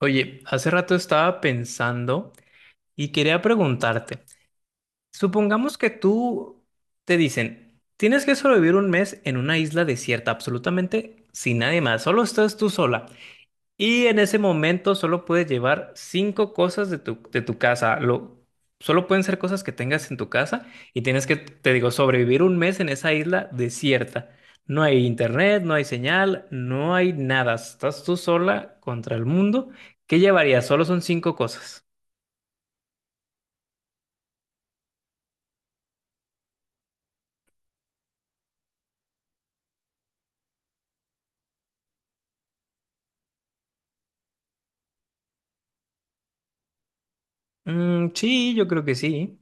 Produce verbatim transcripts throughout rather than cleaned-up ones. Oye, hace rato estaba pensando y quería preguntarte, supongamos que tú te dicen, tienes que sobrevivir un mes en una isla desierta, absolutamente sin nadie más, solo estás tú sola. Y en ese momento solo puedes llevar cinco cosas de tu, de tu casa. Lo, solo pueden ser cosas que tengas en tu casa y tienes que, te digo, sobrevivir un mes en esa isla desierta. No hay internet, no hay señal, no hay nada. Estás tú sola contra el mundo. ¿Qué llevarías? Solo son cinco cosas. Mm, sí, yo creo que sí.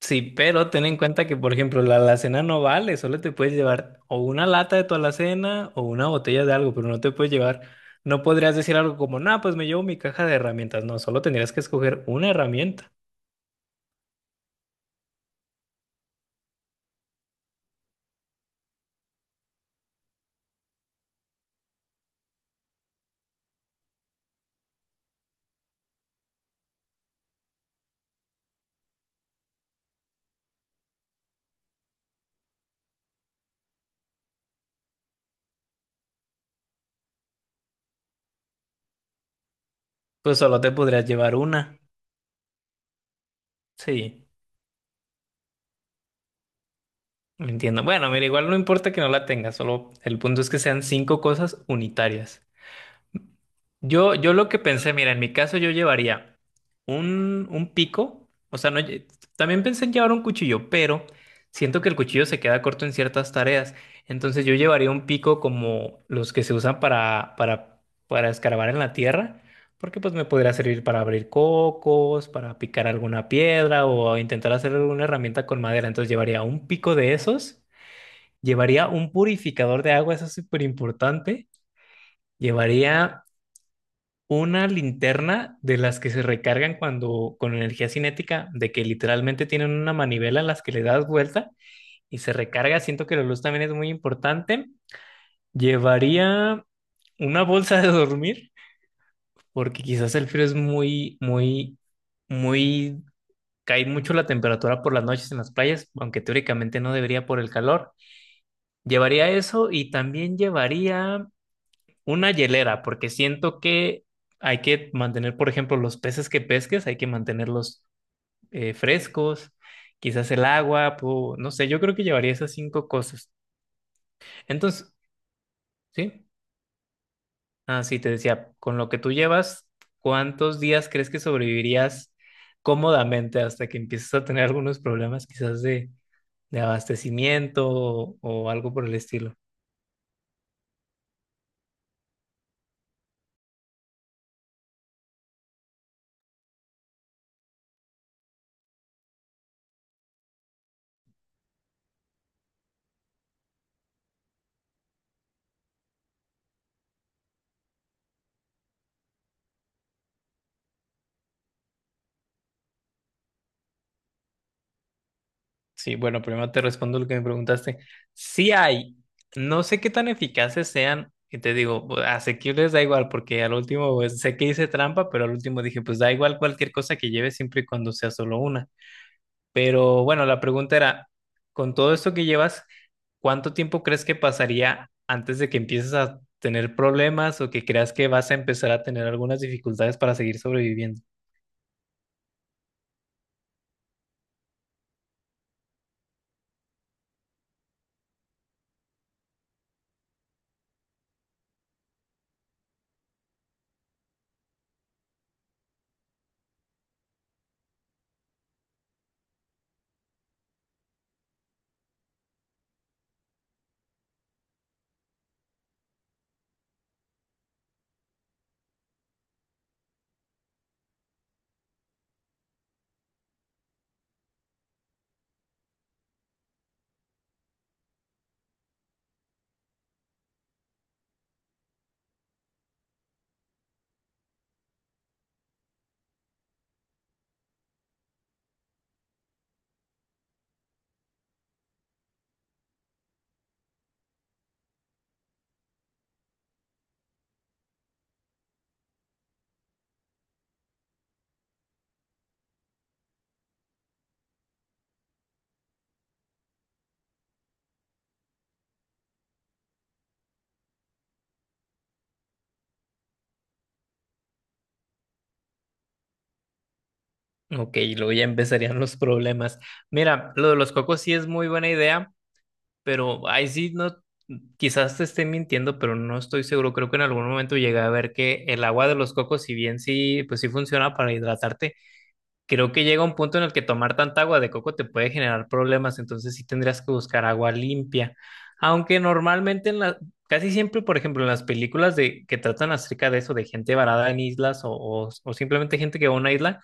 Sí, pero ten en cuenta que, por ejemplo, la alacena no vale, solo te puedes llevar o una lata de tu alacena o una botella de algo, pero no te puedes llevar, no podrías decir algo como, no, pues me llevo mi caja de herramientas, no, solo tendrías que escoger una herramienta, pues solo te podrías llevar una, sí, entiendo. Bueno, mira, igual no importa que no la tengas, solo el punto es que sean cinco cosas unitarias. Yo, yo lo que pensé, mira, en mi caso yo llevaría un, un pico, o sea, no, lle- también pensé en llevar un cuchillo, pero siento que el cuchillo se queda corto en ciertas tareas, entonces yo llevaría un pico como los que se usan para, para, para, escarbar en la tierra, porque pues me podría servir para abrir cocos, para picar alguna piedra o intentar hacer alguna herramienta con madera, entonces llevaría un pico de esos, llevaría un purificador de agua, eso es súper importante. Llevaría una linterna de las que se recargan cuando con energía cinética, de que literalmente tienen una manivela a las que le das vuelta y se recarga. Siento que la luz también es muy importante. Llevaría una bolsa de dormir, porque quizás el frío es muy, muy, muy, cae mucho la temperatura por las noches en las playas, aunque teóricamente no debería por el calor. Llevaría eso y también llevaría una hielera, porque siento que hay que mantener, por ejemplo, los peces que pesques, hay que mantenerlos eh, frescos, quizás el agua, pu- no sé, yo creo que llevaría esas cinco cosas. Entonces, ¿sí? Ah, sí, te decía, con lo que tú llevas, ¿cuántos días crees que sobrevivirías cómodamente hasta que empieces a tener algunos problemas quizás de, de abastecimiento o o algo por el estilo? Sí, bueno, primero te respondo lo que me preguntaste. Sí hay, no sé qué tan eficaces sean, y te digo, bu- asequibles da igual, porque al último pues, sé que hice trampa, pero al último dije, pues da igual cualquier cosa que lleves siempre y cuando sea solo una. Pero bueno, la pregunta era, con todo esto que llevas, ¿cuánto tiempo crees que pasaría antes de que empieces a tener problemas o que creas que vas a empezar a tener algunas dificultades para seguir sobreviviendo? Ok, luego ya empezarían los problemas. Mira, lo de los cocos sí es muy buena idea, pero ahí sí no, quizás te esté mintiendo, pero no estoy seguro. Creo que en algún momento llegué a ver que el agua de los cocos, si bien sí, pues sí funciona para hidratarte, creo que llega un punto en el que tomar tanta agua de coco te puede generar problemas, entonces sí tendrías que buscar agua limpia. Aunque normalmente en la, casi siempre, por ejemplo, en las películas de que tratan acerca de eso, de gente varada en islas o, o o simplemente gente que va a una isla.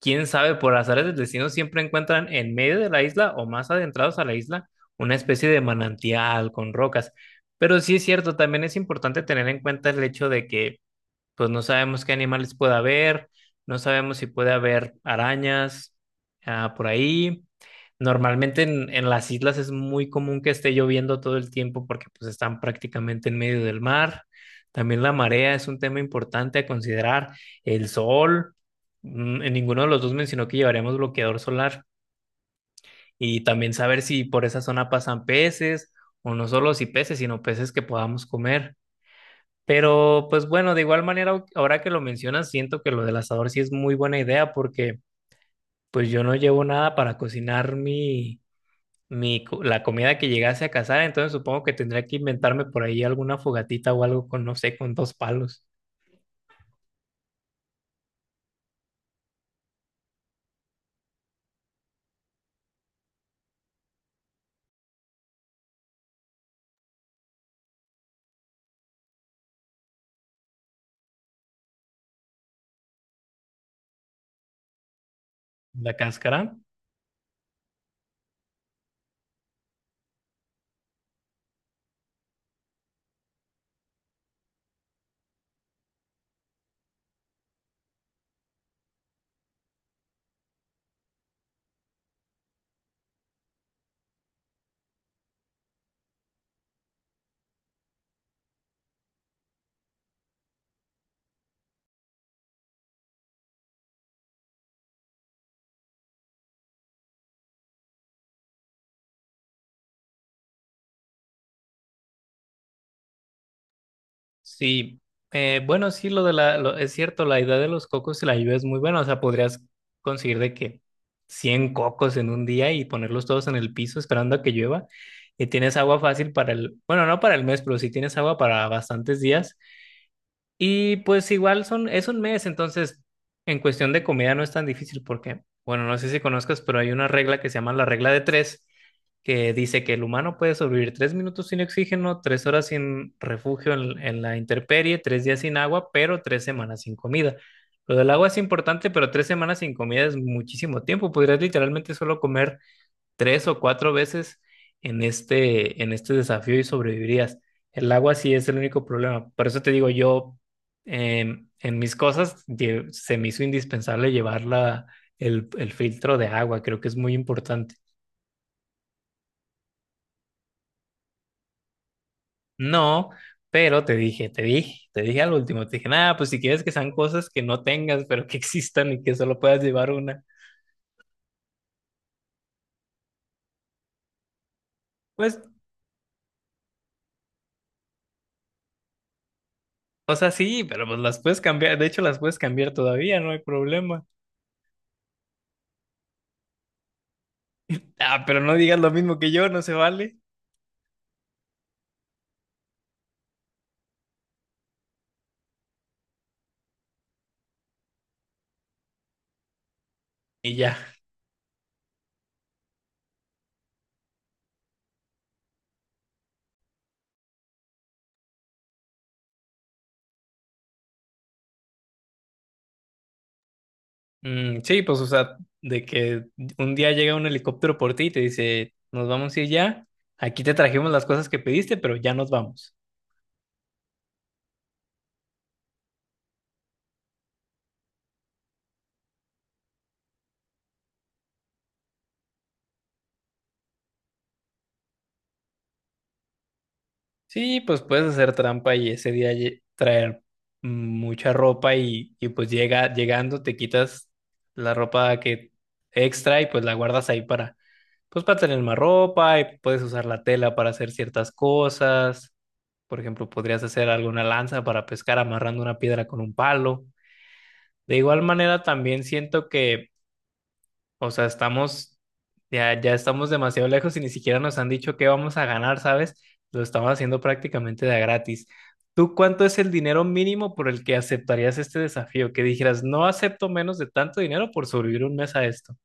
Quién sabe, por azares del destino siempre encuentran en medio de la isla o más adentrados a la isla una especie de manantial con rocas. Pero sí es cierto, también es importante tener en cuenta el hecho de que pues no sabemos qué animales puede haber, no sabemos si puede haber arañas ah, por ahí. Normalmente en, en las islas es muy común que esté lloviendo todo el tiempo porque pues están prácticamente en medio del mar. También la marea es un tema importante a considerar. El sol, mm, en ninguno de los dos mencionó que llevaremos bloqueador solar y también saber si por esa zona pasan peces o no solo si peces, sino peces que podamos comer. Pero pues bueno, de igual manera, au- ahora que lo mencionas, siento que lo del asador sí es muy buena idea porque pues yo no llevo nada para cocinar mi, mi, co- la comida que llegase a cazar, entonces supongo que tendría que inventarme por ahí alguna fogatita o algo con, no sé, con dos palos, la cáscara. Sí, eh, bueno, sí, lo de la, lo- es cierto, la idea de los cocos y la lluvia es muy buena, o sea, podrías conseguir de que cien cocos en un día y ponerlos todos en el piso esperando a que llueva y tienes agua fácil para el, bueno, no para el mes, pero sí tienes agua para bastantes días y pues igual son, es un mes, entonces en cuestión de comida no es tan difícil porque, bueno, no sé si conozcas, pero hay una regla que se llama la regla de tres, que dice que el humano puede sobrevivir tres minutos sin oxígeno, tres horas sin refugio en, en la intemperie, tres días sin agua, pero tres semanas sin comida. Lo del agua es importante, pero tres semanas sin comida es muchísimo tiempo. Podrías literalmente solo comer tres o cuatro veces en este, en este desafío y sobrevivirías. El agua sí es el único problema. Por eso te digo, yo eh, en mis cosas lle- se me hizo indispensable llevar la, el, el filtro de agua. Creo que es muy importante. No, pero te dije, te dije, te dije al último, te dije, nada, pues si quieres que sean cosas que no tengas, pero que existan y que solo puedas llevar una. Pues, o sea, sí, pero pues las puedes cambiar. De hecho, las puedes cambiar todavía, no hay problema. Ah, pero no digas lo mismo que yo, no se vale. Y ya. Mm, sí, pues, o sea, de que un día llega un helicóptero por ti y te dice, nos vamos a ir ya, aquí te trajimos las cosas que pediste, pero ya nos vamos. Sí, pues puedes hacer trampa y ese día lle- traer mucha ropa y, y pues llega, llegando te quitas la ropa que extra y pues la guardas ahí para, pues para tener más ropa y puedes usar la tela para hacer ciertas cosas. Por ejemplo, podrías hacer alguna lanza para pescar amarrando una piedra con un palo. De igual manera, también siento que, o sea, estamos, ya, ya estamos demasiado lejos y ni siquiera nos han dicho qué vamos a ganar, ¿sabes? Lo estamos haciendo prácticamente de a gratis. ¿Tú cuánto es el dinero mínimo por el que aceptarías este desafío? Que dijeras, no acepto menos de tanto dinero por sobrevivir un mes a esto.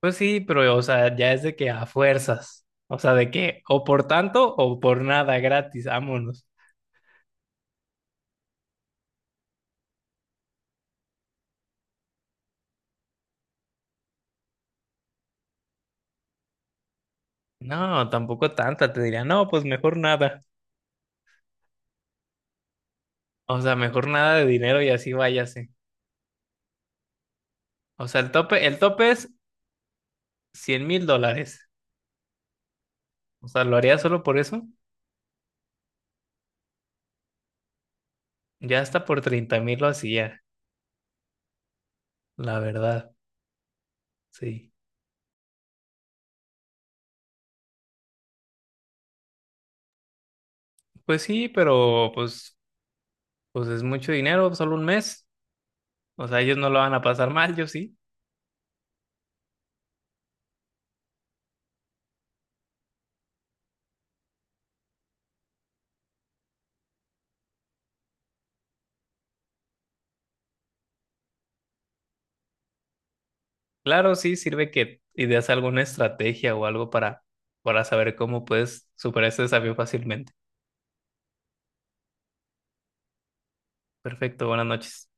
Pues sí, pero, o sea, ya es de que a fuerzas. O sea, de que o por tanto o por nada gratis, vámonos. No, tampoco tanta, te diría, no, pues mejor nada. O sea, mejor nada de dinero y así váyase. O sea, el tope, el tope es cien mil dólares. O sea, lo haría solo por eso. Ya hasta por treinta mil lo hacía, la verdad. Sí. Pues sí, pero pues, pues es mucho dinero, solo un mes. O sea, ellos no lo van a pasar mal, yo sí. Claro, sí, sirve que ideas alguna estrategia o algo para, para, saber cómo puedes superar ese desafío fácilmente. Perfecto, buenas noches.